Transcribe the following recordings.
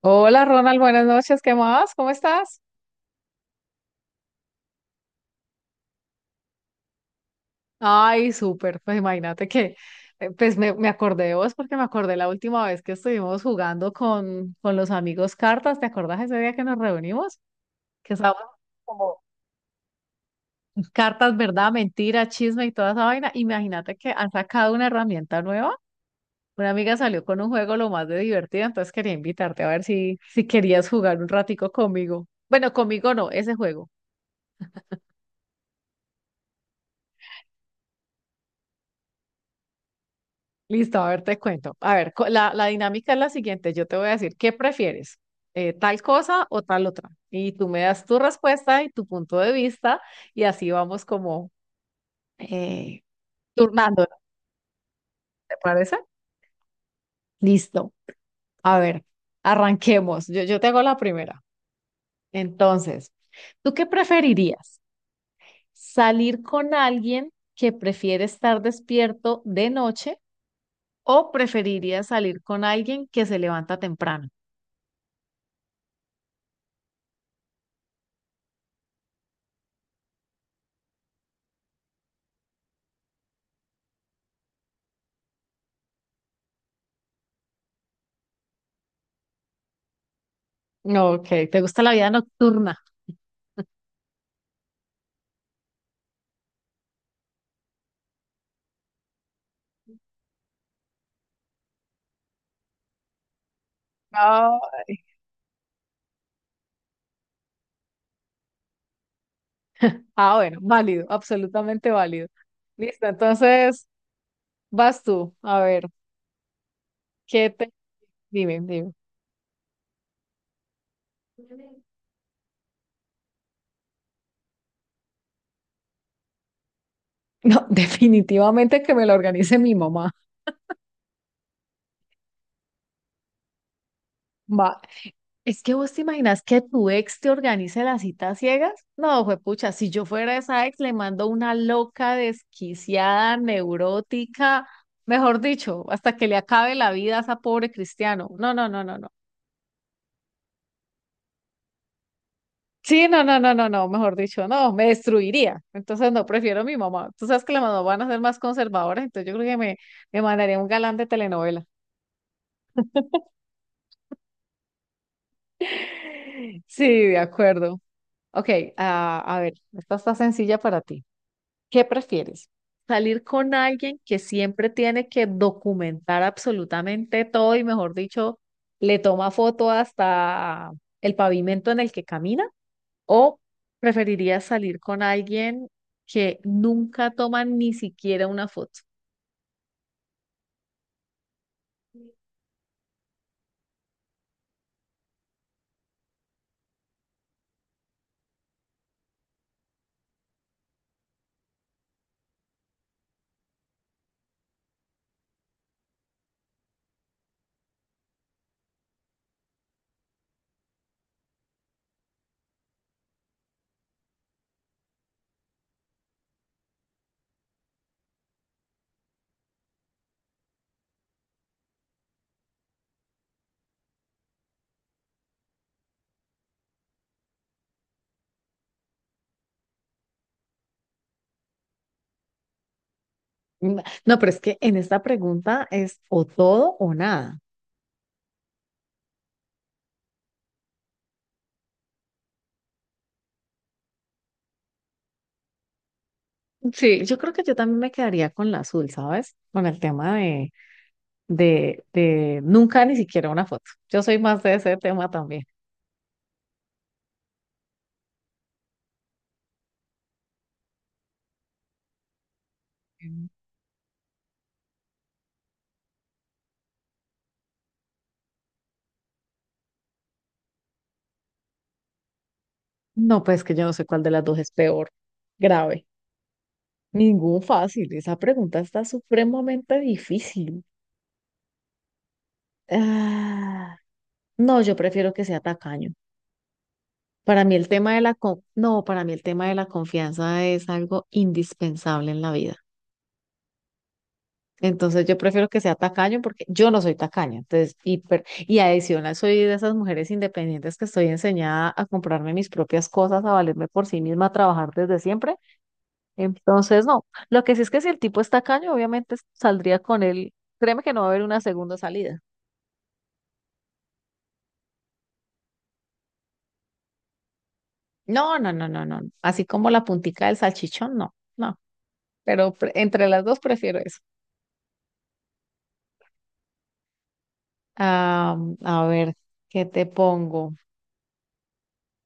Hola Ronald, buenas noches, ¿qué más? ¿Cómo estás? Ay, súper, pues imagínate que, pues me acordé de vos porque me acordé la última vez que estuvimos jugando con los amigos cartas, ¿te acordás ese día que nos reunimos? Que estábamos como cartas, verdad, mentira, chisme y toda esa vaina. Imagínate que han sacado una herramienta nueva. Una amiga salió con un juego lo más de divertido, entonces quería invitarte a ver si querías jugar un ratico conmigo. Bueno, conmigo no, ese juego. Listo, a ver, te cuento. A ver, la dinámica es la siguiente. Yo te voy a decir, ¿qué prefieres? ¿Tal cosa o tal otra? Y tú me das tu respuesta y tu punto de vista y así vamos como eh, turnándonos, ¿te parece? Listo. A ver, arranquemos. Yo te hago la primera. Entonces, ¿tú qué preferirías? ¿Salir con alguien que prefiere estar despierto de noche o preferirías salir con alguien que se levanta temprano? No, ok, ¿te gusta la vida nocturna? Ah, bueno, válido, absolutamente válido. Listo, entonces vas tú. A ver, ¿qué te... Dime, dime. No, definitivamente que me lo organice mi mamá. Va. Es que vos te imaginas que tu ex te organice las citas ciegas. No, juepucha, si yo fuera esa ex, le mando una loca, desquiciada, neurótica, mejor dicho, hasta que le acabe la vida a esa pobre cristiano. No, no, no, no, no. Sí, no, no, no, no, no, mejor dicho, no, me destruiría. Entonces, no, prefiero a mi mamá. Tú sabes que las mamás van a ser más conservadoras, entonces yo creo que me mandaría un galán de telenovela. Sí, de acuerdo. Ok, a ver, esta está sencilla para ti. ¿Qué prefieres? ¿Salir con alguien que siempre tiene que documentar absolutamente todo y, mejor dicho, le toma foto hasta el pavimento en el que camina? ¿O preferirías salir con alguien que nunca toma ni siquiera una foto? Mm, no, pero es que en esta pregunta es o todo o nada. Sí. Yo creo que yo también me quedaría con la azul, ¿sabes? Con el tema de nunca ni siquiera una foto. Yo soy más de ese tema también. Mm. No, pues que yo no sé cuál de las dos es peor. Grave. Ningún fácil. Esa pregunta está supremamente difícil. Ah, no, yo prefiero que sea tacaño. Para mí el tema de la no, para mí el tema de la confianza es algo indispensable en la vida. Entonces yo prefiero que sea tacaño porque yo no soy tacaña. Entonces, y adicional soy de esas mujeres independientes que estoy enseñada a comprarme mis propias cosas, a valerme por sí misma, a trabajar desde siempre. Entonces, no. Lo que sí es que si el tipo es tacaño, obviamente saldría con él. Créeme que no va a haber una segunda salida. No, no, no, no, no. Así como la puntica del salchichón, no, no. Pero entre las dos prefiero eso. Ah, a ver, ¿qué te pongo?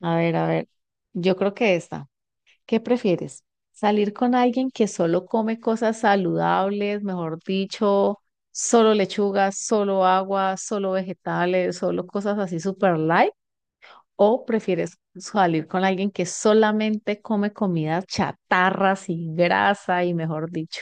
A ver, a ver. Yo creo que esta. ¿Qué prefieres? ¿Salir con alguien que solo come cosas saludables, mejor dicho, solo lechuga, solo agua, solo vegetales, solo cosas así super light? ¿O prefieres salir con alguien que solamente come comidas chatarras y grasa y mejor dicho?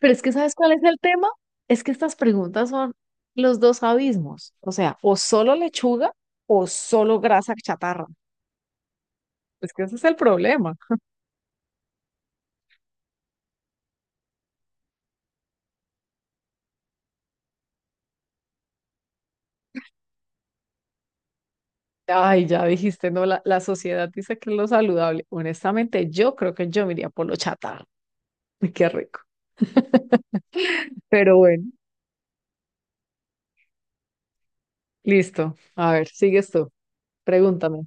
Pero es que ¿sabes cuál es el tema? Es que estas preguntas son los dos abismos. O sea, o solo lechuga o solo grasa chatarra. Es que ese es el problema. Ay, ya dijiste, no, la sociedad dice que es lo saludable. Honestamente, yo creo que yo me iría por lo chatarra. Uy, qué rico. Pero bueno, listo. A ver, sigues tú. Pregúntame.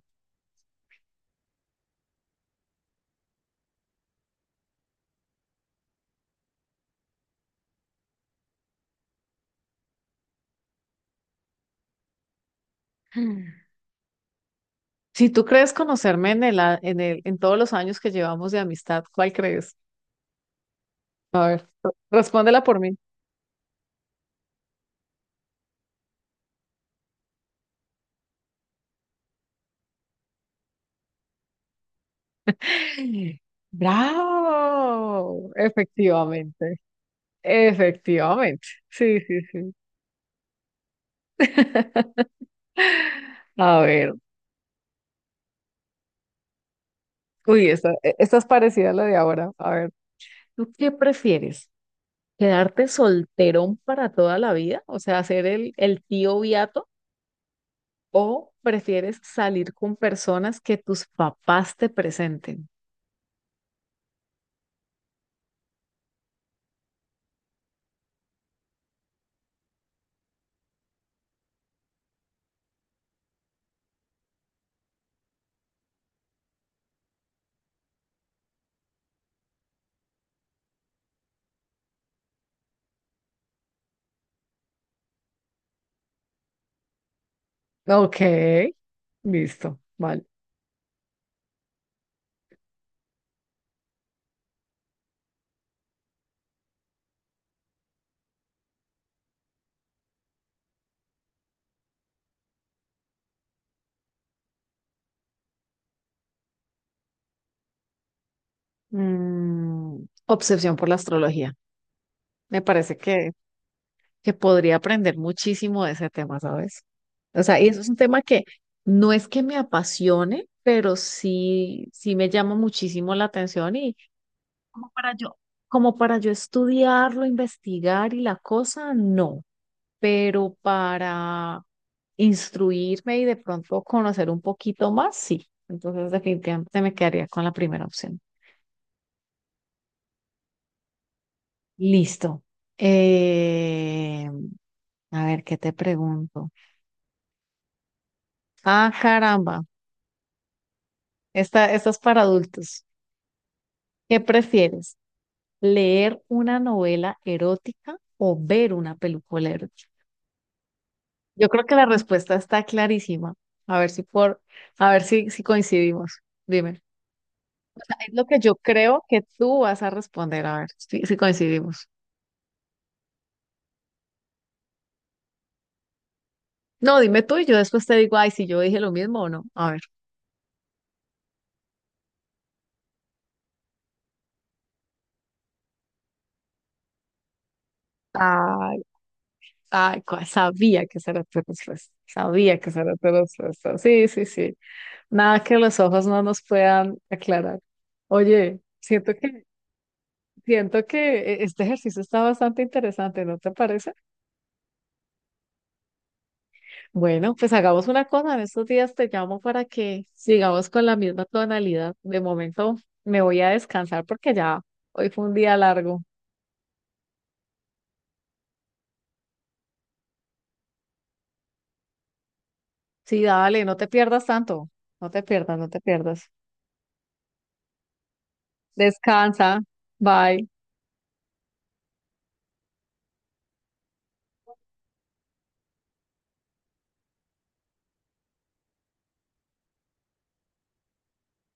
Mm. Si tú crees conocerme en en el, en todos los años que llevamos de amistad, ¿cuál crees? A ver, respóndela por mí. Bravo, efectivamente, efectivamente. Sí, sí, sí. A ver, uy, esta es parecida a la de ahora. A ver, ¿tú qué prefieres? ¿Quedarte solterón para toda la vida? O sea, ser el tío Beato, ¿o prefieres salir con personas que tus papás te presenten? Ok, listo, vale. Mm, obsesión por la astrología. Me parece que podría aprender muchísimo de ese tema, ¿sabes? O sea, y eso es un tema que no es que me apasione, pero sí, sí me llama muchísimo la atención y como para yo, como para yo estudiarlo, investigar y la cosa, no, pero para instruirme y de pronto conocer un poquito más, sí. Entonces, definitivamente me quedaría con la primera opción. Listo. Eh, a ver, ¿qué te pregunto? Ah, caramba. Esta es para adultos. ¿Qué prefieres? ¿Leer una novela erótica o ver una película erótica? Yo creo que la respuesta está clarísima. A ver si por, a ver si coincidimos. Dime. Es lo que yo creo que tú vas a responder. A ver si coincidimos. No, dime tú y yo después te digo, ay, si yo dije lo mismo o no. A ver. Ay, ay, sabía que esa era tu respuesta. Sabía que esa era tu respuesta. Sí, sí, sí. Nada que los ojos no nos puedan aclarar. Oye, siento que este ejercicio está bastante interesante, ¿no te parece? Bueno, pues hagamos una cosa. En estos días te llamo para que sigamos con la misma tonalidad. De momento me voy a descansar porque ya hoy fue un día largo. Sí, dale, no te pierdas tanto. No te pierdas, no te pierdas. Descansa. Bye.